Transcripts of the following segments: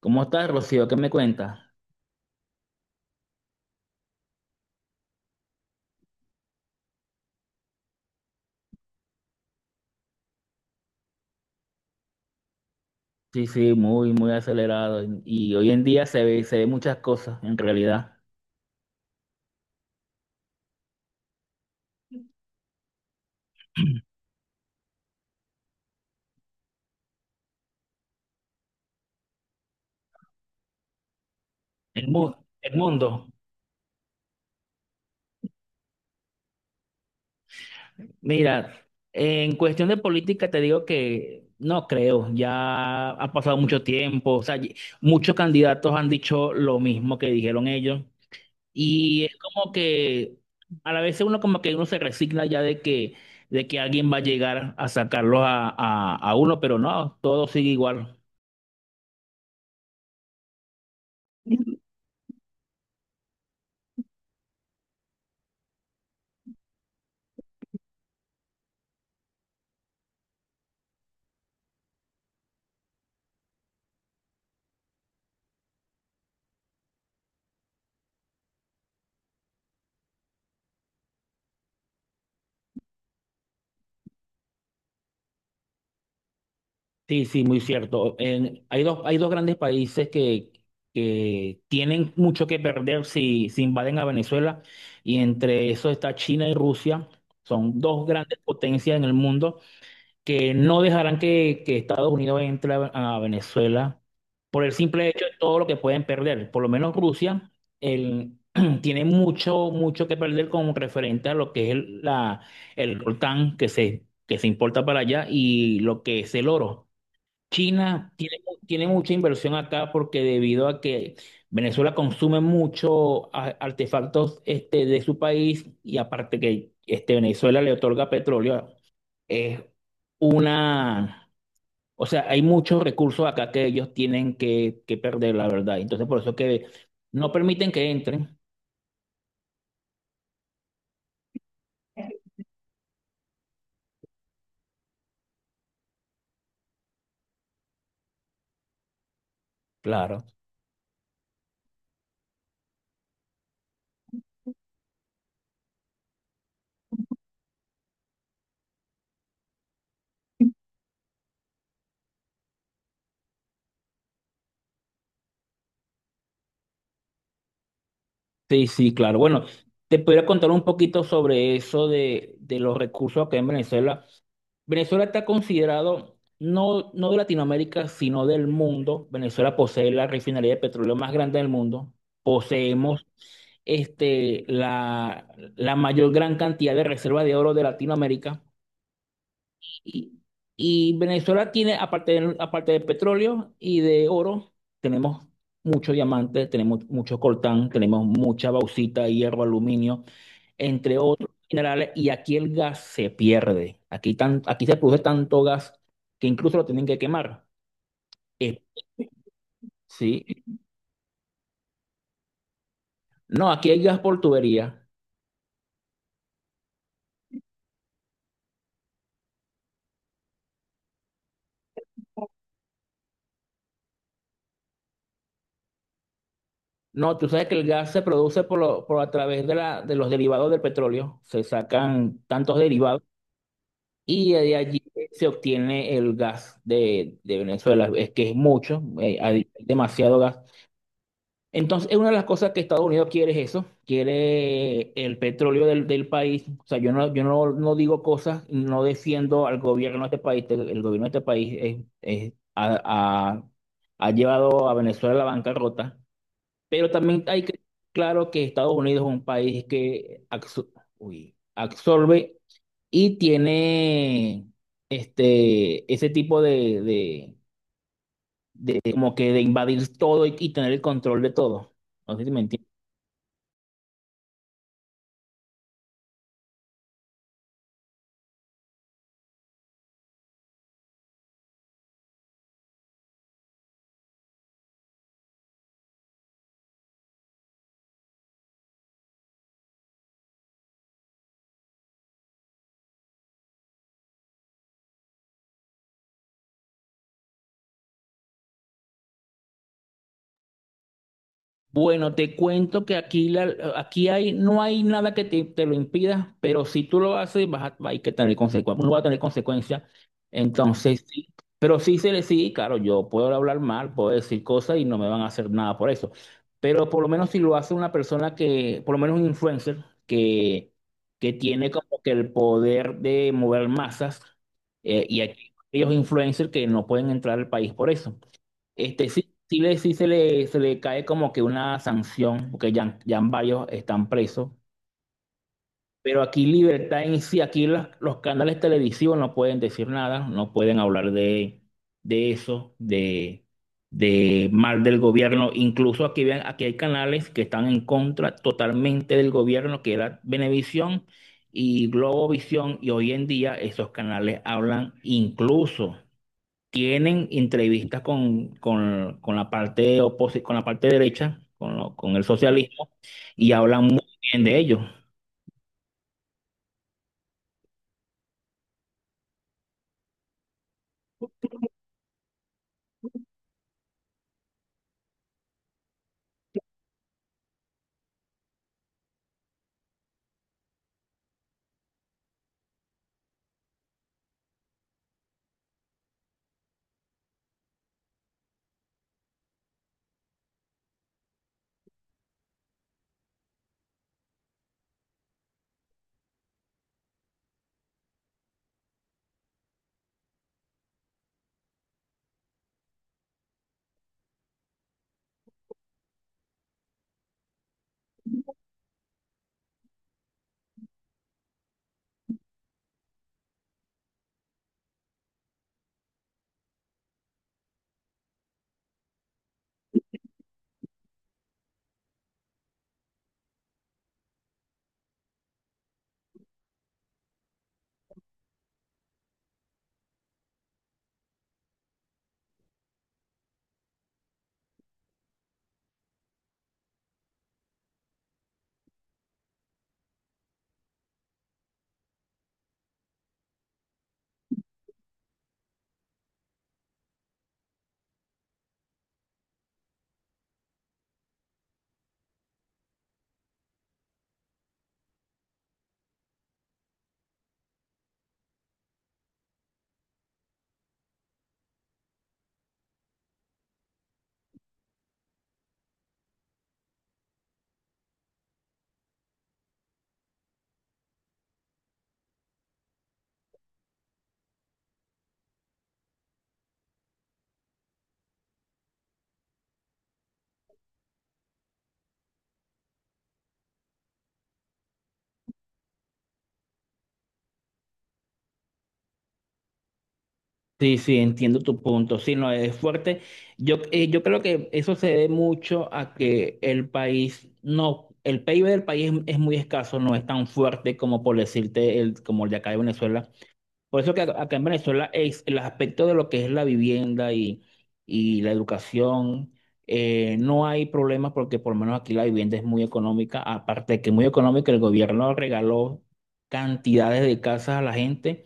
¿Cómo estás, Rocío? ¿Qué me cuentas? Sí, sí, muy acelerado. Y, hoy en día se ve muchas cosas, en realidad. El mundo. Mira, en cuestión de política te digo que no creo. Ya ha pasado mucho tiempo. O sea, muchos candidatos han dicho lo mismo que dijeron ellos. Y es como que a la vez uno como que uno se resigna ya de que alguien va a llegar a sacarlos a uno, pero no, todo sigue igual. Sí, sí, muy cierto. Hay dos grandes países que tienen mucho que perder si invaden a Venezuela y entre eso está China y Rusia. Son dos grandes potencias en el mundo que no dejarán que Estados Unidos a Venezuela por el simple hecho de todo lo que pueden perder. Por lo menos Rusia el- tiene mucho que perder con referente a lo que es el coltán que se importa para allá y lo que es el oro. China tiene, tiene mucha inversión acá porque debido a que Venezuela consume mucho artefactos este, de su país y aparte que este, Venezuela le otorga petróleo, es una, o sea, hay muchos recursos acá que ellos tienen que perder, la verdad. Entonces, por eso es que no permiten que entren. Claro. Sí, sí, claro. Bueno, te podría contar un poquito sobre de los recursos acá en Venezuela. Venezuela está considerado no de Latinoamérica, sino del mundo. Venezuela posee la refinería de petróleo más grande del mundo. Poseemos este, la, la mayor gran cantidad de reservas de oro de Latinoamérica. Y, y Venezuela tiene, aparte de petróleo y de oro, tenemos mucho diamante, tenemos mucho coltán, tenemos mucha bauxita, hierro, aluminio, entre otros minerales. Y aquí el gas se pierde. Aquí, aquí se produce tanto gas que incluso lo tienen que quemar. Eh, sí. No, aquí hay gas por tubería. No, tú sabes que el gas se produce por, lo- por a través de, de los derivados del petróleo. Se sacan tantos derivados. Y de allí se obtiene el gas de Venezuela. Es que es mucho, hay demasiado gas. Entonces, es una de las cosas que Estados Unidos quiere es eso, quiere el petróleo del país. O sea, yo no, no digo cosas, no defiendo al gobierno de este país. El gobierno de este país ha- ha llevado a Venezuela a la bancarrota. Pero también hay que, claro que Estados Unidos es un país que absorbe y tiene este, ese tipo de como que de invadir todo y tener el control de todo. No sé si me... Bueno, te cuento que aquí, aquí hay, no hay nada que te lo impida, pero si tú lo haces, vas a, hay que tener consecuencias, uno va a tener consecuencias. Entonces, sí, pero claro, yo puedo hablar mal, puedo decir cosas y no me van a hacer nada por eso. Pero por lo menos si lo hace una persona por lo menos un influencer, que tiene como que el poder de mover masas, y aquí hay ellos influencers que no pueden entrar al país por eso. Este, sí, sí se le cae como que una sanción, porque ya, ya varios están presos. Pero aquí libertad en sí, aquí los canales televisivos no pueden decir nada, no pueden hablar de eso, de, de mal del gobierno. Incluso aquí, vean, aquí hay canales que están en contra totalmente del gobierno, que era Venevisión y Globovisión, y hoy en día esos canales hablan incluso tienen entrevistas con la parte con la parte derecha, con el socialismo, y hablan muy bien de ellos. Sí, sí, entiendo tu punto. Sí, no, es fuerte. Yo, yo creo que eso se debe mucho a que el país, no, el PIB del país es muy escaso, no es tan fuerte como por decirte como el de acá de Venezuela. Por eso que acá en Venezuela es el aspecto de lo que es la vivienda y la educación, no hay problemas porque por lo menos aquí la vivienda es muy económica, aparte de que es muy económica, el gobierno regaló cantidades de casas a la gente,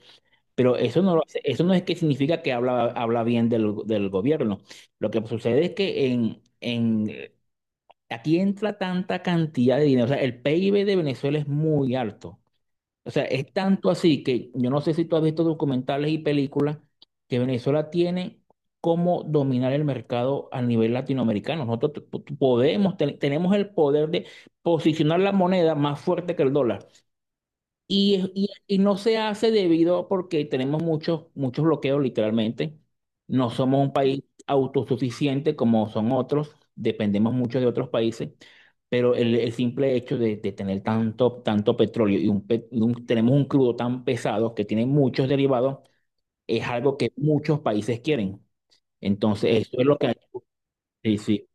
pero eso no, eso no es que significa que habla bien del gobierno. Lo que sucede es que aquí entra tanta cantidad de dinero, o sea, el PIB de Venezuela es muy alto. O sea, es tanto así que yo no sé si tú has visto documentales y películas que Venezuela tiene cómo dominar el mercado a nivel latinoamericano. Nosotros podemos, tenemos el poder de posicionar la moneda más fuerte que el dólar. Y no se hace debido porque tenemos muchos bloqueos literalmente. No somos un país autosuficiente como son otros, dependemos mucho de otros países, pero el simple hecho de tener tanto petróleo y, un, pe- y un- tenemos un crudo tan pesado que tiene muchos derivados es algo que muchos países quieren. Entonces, eso es lo que... hay. Sí,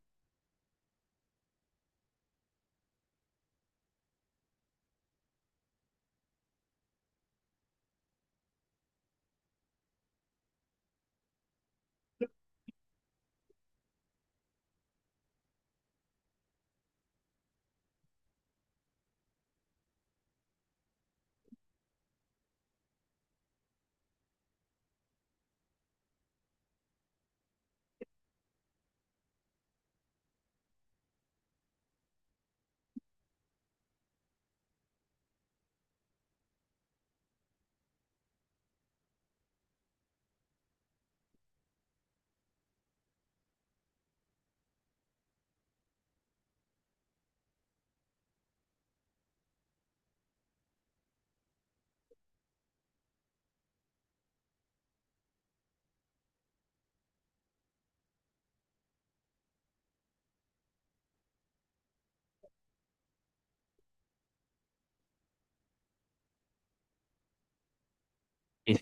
sí.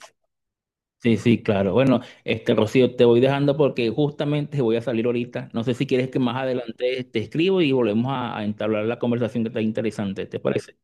Sí, sí, claro. Bueno, este Rocío, te voy dejando porque justamente voy a salir ahorita. No sé si quieres que más adelante te escribo y volvemos a entablar la conversación que está interesante, ¿te parece?